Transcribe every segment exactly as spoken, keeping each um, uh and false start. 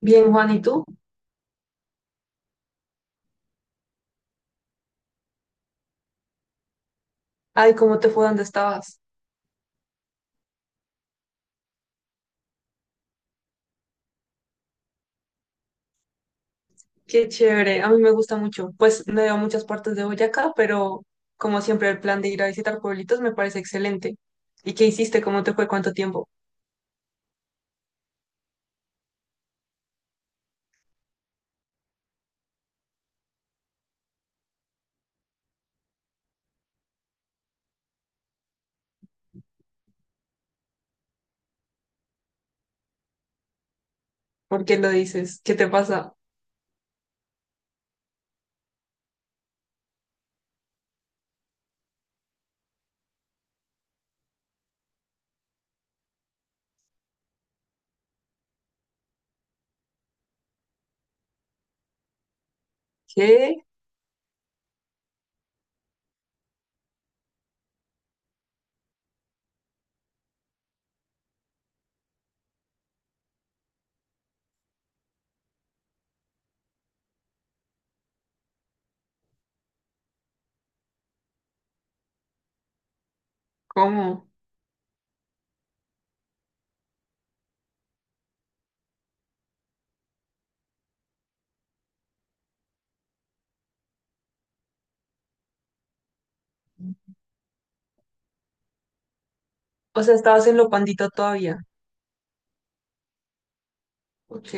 Bien, Juan, ¿y tú? Ay, ¿cómo te fue? ¿Dónde estabas? Qué chévere, a mí me gusta mucho. Pues no he ido a muchas partes de Boyacá, pero como siempre el plan de ir a visitar pueblitos me parece excelente. ¿Y qué hiciste? ¿Cómo te fue? ¿Cuánto tiempo? ¿Por qué lo dices? ¿Qué te pasa? ¿Qué? ¿Cómo? O sea, estabas en lo pandito todavía. Ok.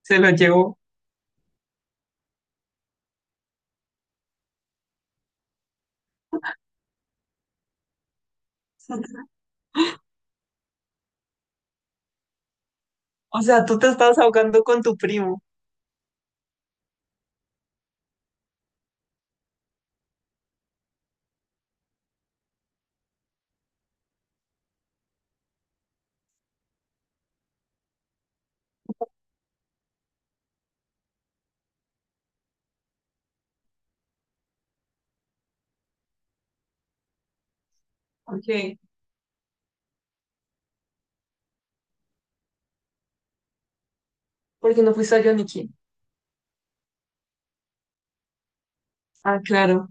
Se lo llevó. O sea, tú te estabas ahogando con tu primo. Ok. ¿Por qué no fuiste a Yoniki? Ah, claro.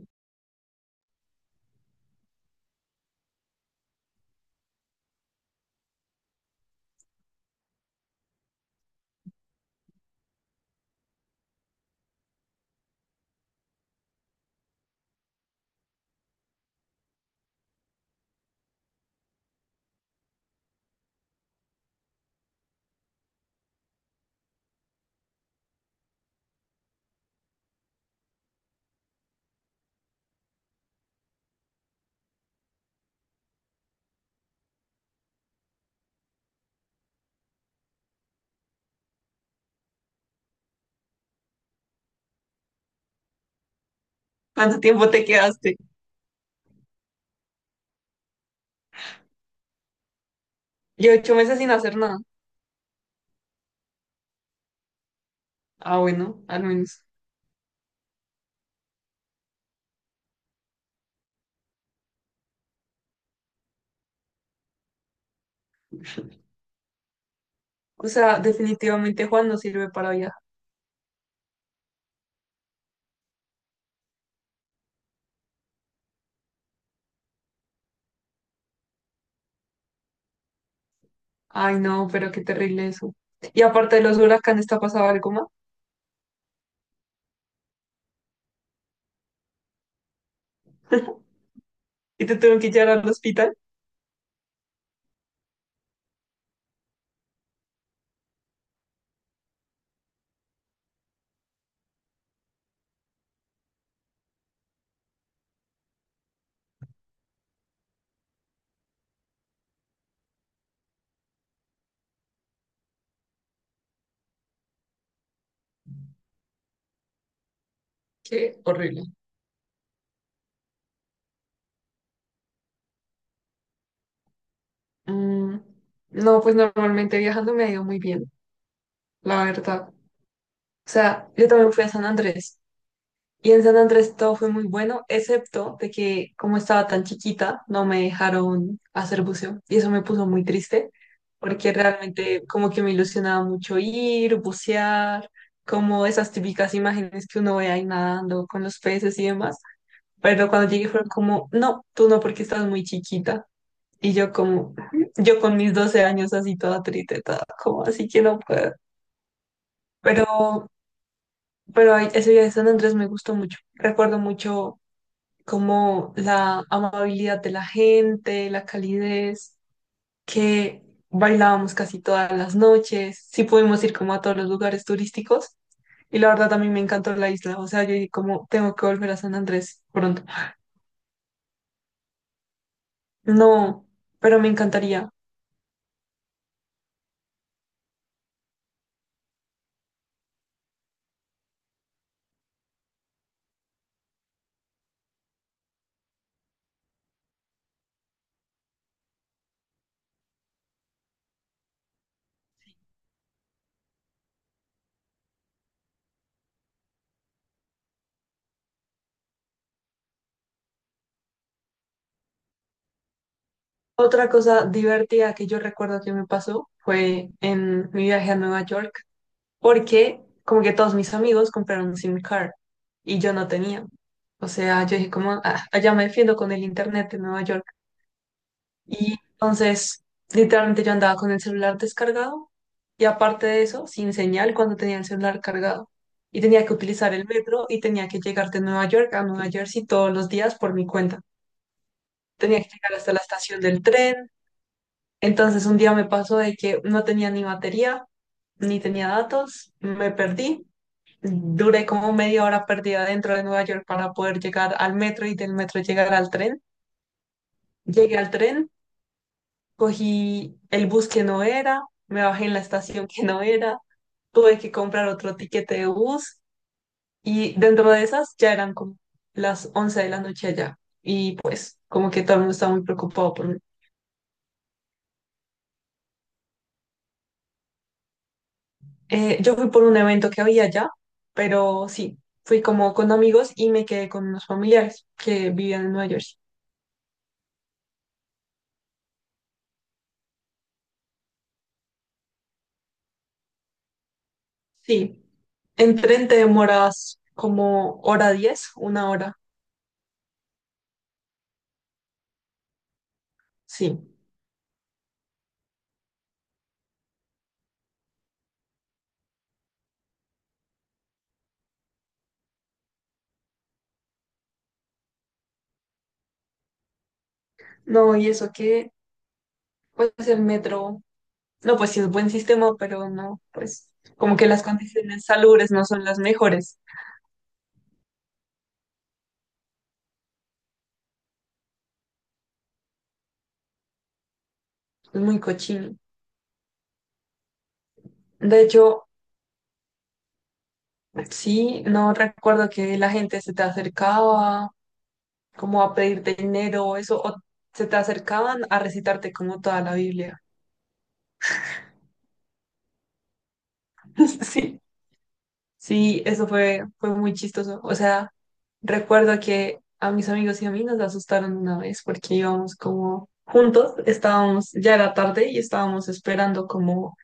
¿Cuánto tiempo te quedaste? Yo ocho meses sin hacer nada. Ah, bueno, al menos. O sea, definitivamente Juan no sirve para viajar. Ay, no, pero qué terrible eso. Y aparte de los huracanes, ¿te ha pasado algo más? ¿Y te tuvieron que llevar al hospital? Qué horrible. Mm, no, pues normalmente viajando me ha ido muy bien, la verdad. O sea, yo también fui a San Andrés. Y en San Andrés todo fue muy bueno, excepto de que como estaba tan chiquita, no me dejaron hacer buceo. Y eso me puso muy triste, porque realmente como que me ilusionaba mucho ir, bucear, como esas típicas imágenes que uno ve ahí nadando con los peces y demás. Pero cuando llegué fueron como, no, tú no, porque estás muy chiquita. Y yo como, yo con mis doce años así toda triste, toda como así que no puedo. Pero, pero ahí- ese día de San Andrés me gustó mucho. Recuerdo mucho como la amabilidad de la gente, la calidez, que bailábamos casi todas las noches, sí pudimos ir como a todos los lugares turísticos y la verdad a mí me encantó la isla, o sea, yo dije como tengo que volver a San Andrés pronto. No, pero me encantaría. Otra cosa divertida que yo recuerdo que me pasó fue en mi viaje a Nueva York, porque como que todos mis amigos compraron un SIM card y yo no tenía. O sea, yo dije como, "Ah, allá me defiendo con el internet de Nueva York." Y entonces, literalmente yo andaba con el celular descargado y aparte de eso, sin señal cuando tenía el celular cargado. Y tenía que utilizar el metro y tenía que llegar de Nueva York a Nueva Jersey todos los días por mi cuenta. Tenía que llegar hasta la estación del tren. Entonces un día me pasó de que no tenía ni batería, ni tenía datos, me perdí. Duré como media hora perdida dentro de Nueva York para poder llegar al metro y del metro llegar al tren. Llegué al tren, cogí el bus que no era, me bajé en la estación que no era, tuve que comprar otro tiquete de bus y dentro de esas ya eran como las once de la noche allá y pues como que todo el mundo estaba muy preocupado por mí. Eh, yo fui por un evento que había allá, pero sí, fui como con amigos y me quedé con unos familiares que vivían en Nueva Jersey. Sí, en tren te demoras como hora diez, una hora, sí. No, y eso que, pues el metro. No, pues sí es buen sistema, pero no, pues como que las condiciones salubres no son las mejores. Es muy cochino. De hecho, sí, no recuerdo que la gente se te acercaba como a pedirte dinero o eso, o se te acercaban a recitarte como toda la Biblia. Sí, sí, eso fue, fue muy chistoso. O sea, recuerdo que a mis amigos y a mí nos asustaron una vez porque íbamos como juntos, estábamos, ya era tarde y estábamos esperando como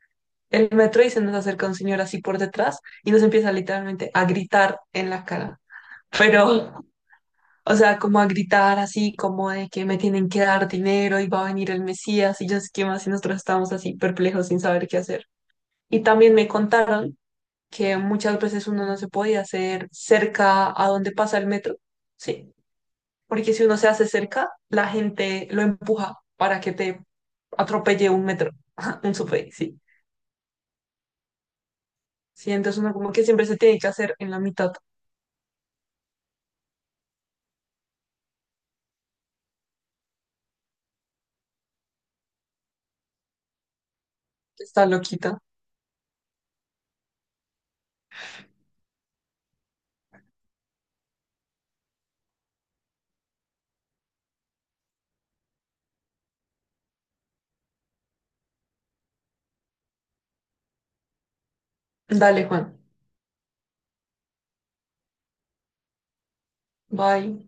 el metro y se nos acerca un señor así por detrás y nos empieza literalmente a gritar en la cara. Pero, o sea, como a gritar así, como de que me tienen que dar dinero y va a venir el Mesías y yo sé qué más y nosotros estábamos así perplejos sin saber qué hacer. Y también me contaron que muchas veces uno no se podía hacer cerca a donde pasa el metro, ¿sí? Porque si uno se hace cerca, la gente lo empuja para que te atropelle un metro, un subway, sí. Sí, entonces uno como que siempre se tiene que hacer en la mitad. Está loquita. Dale, Juan. Bye.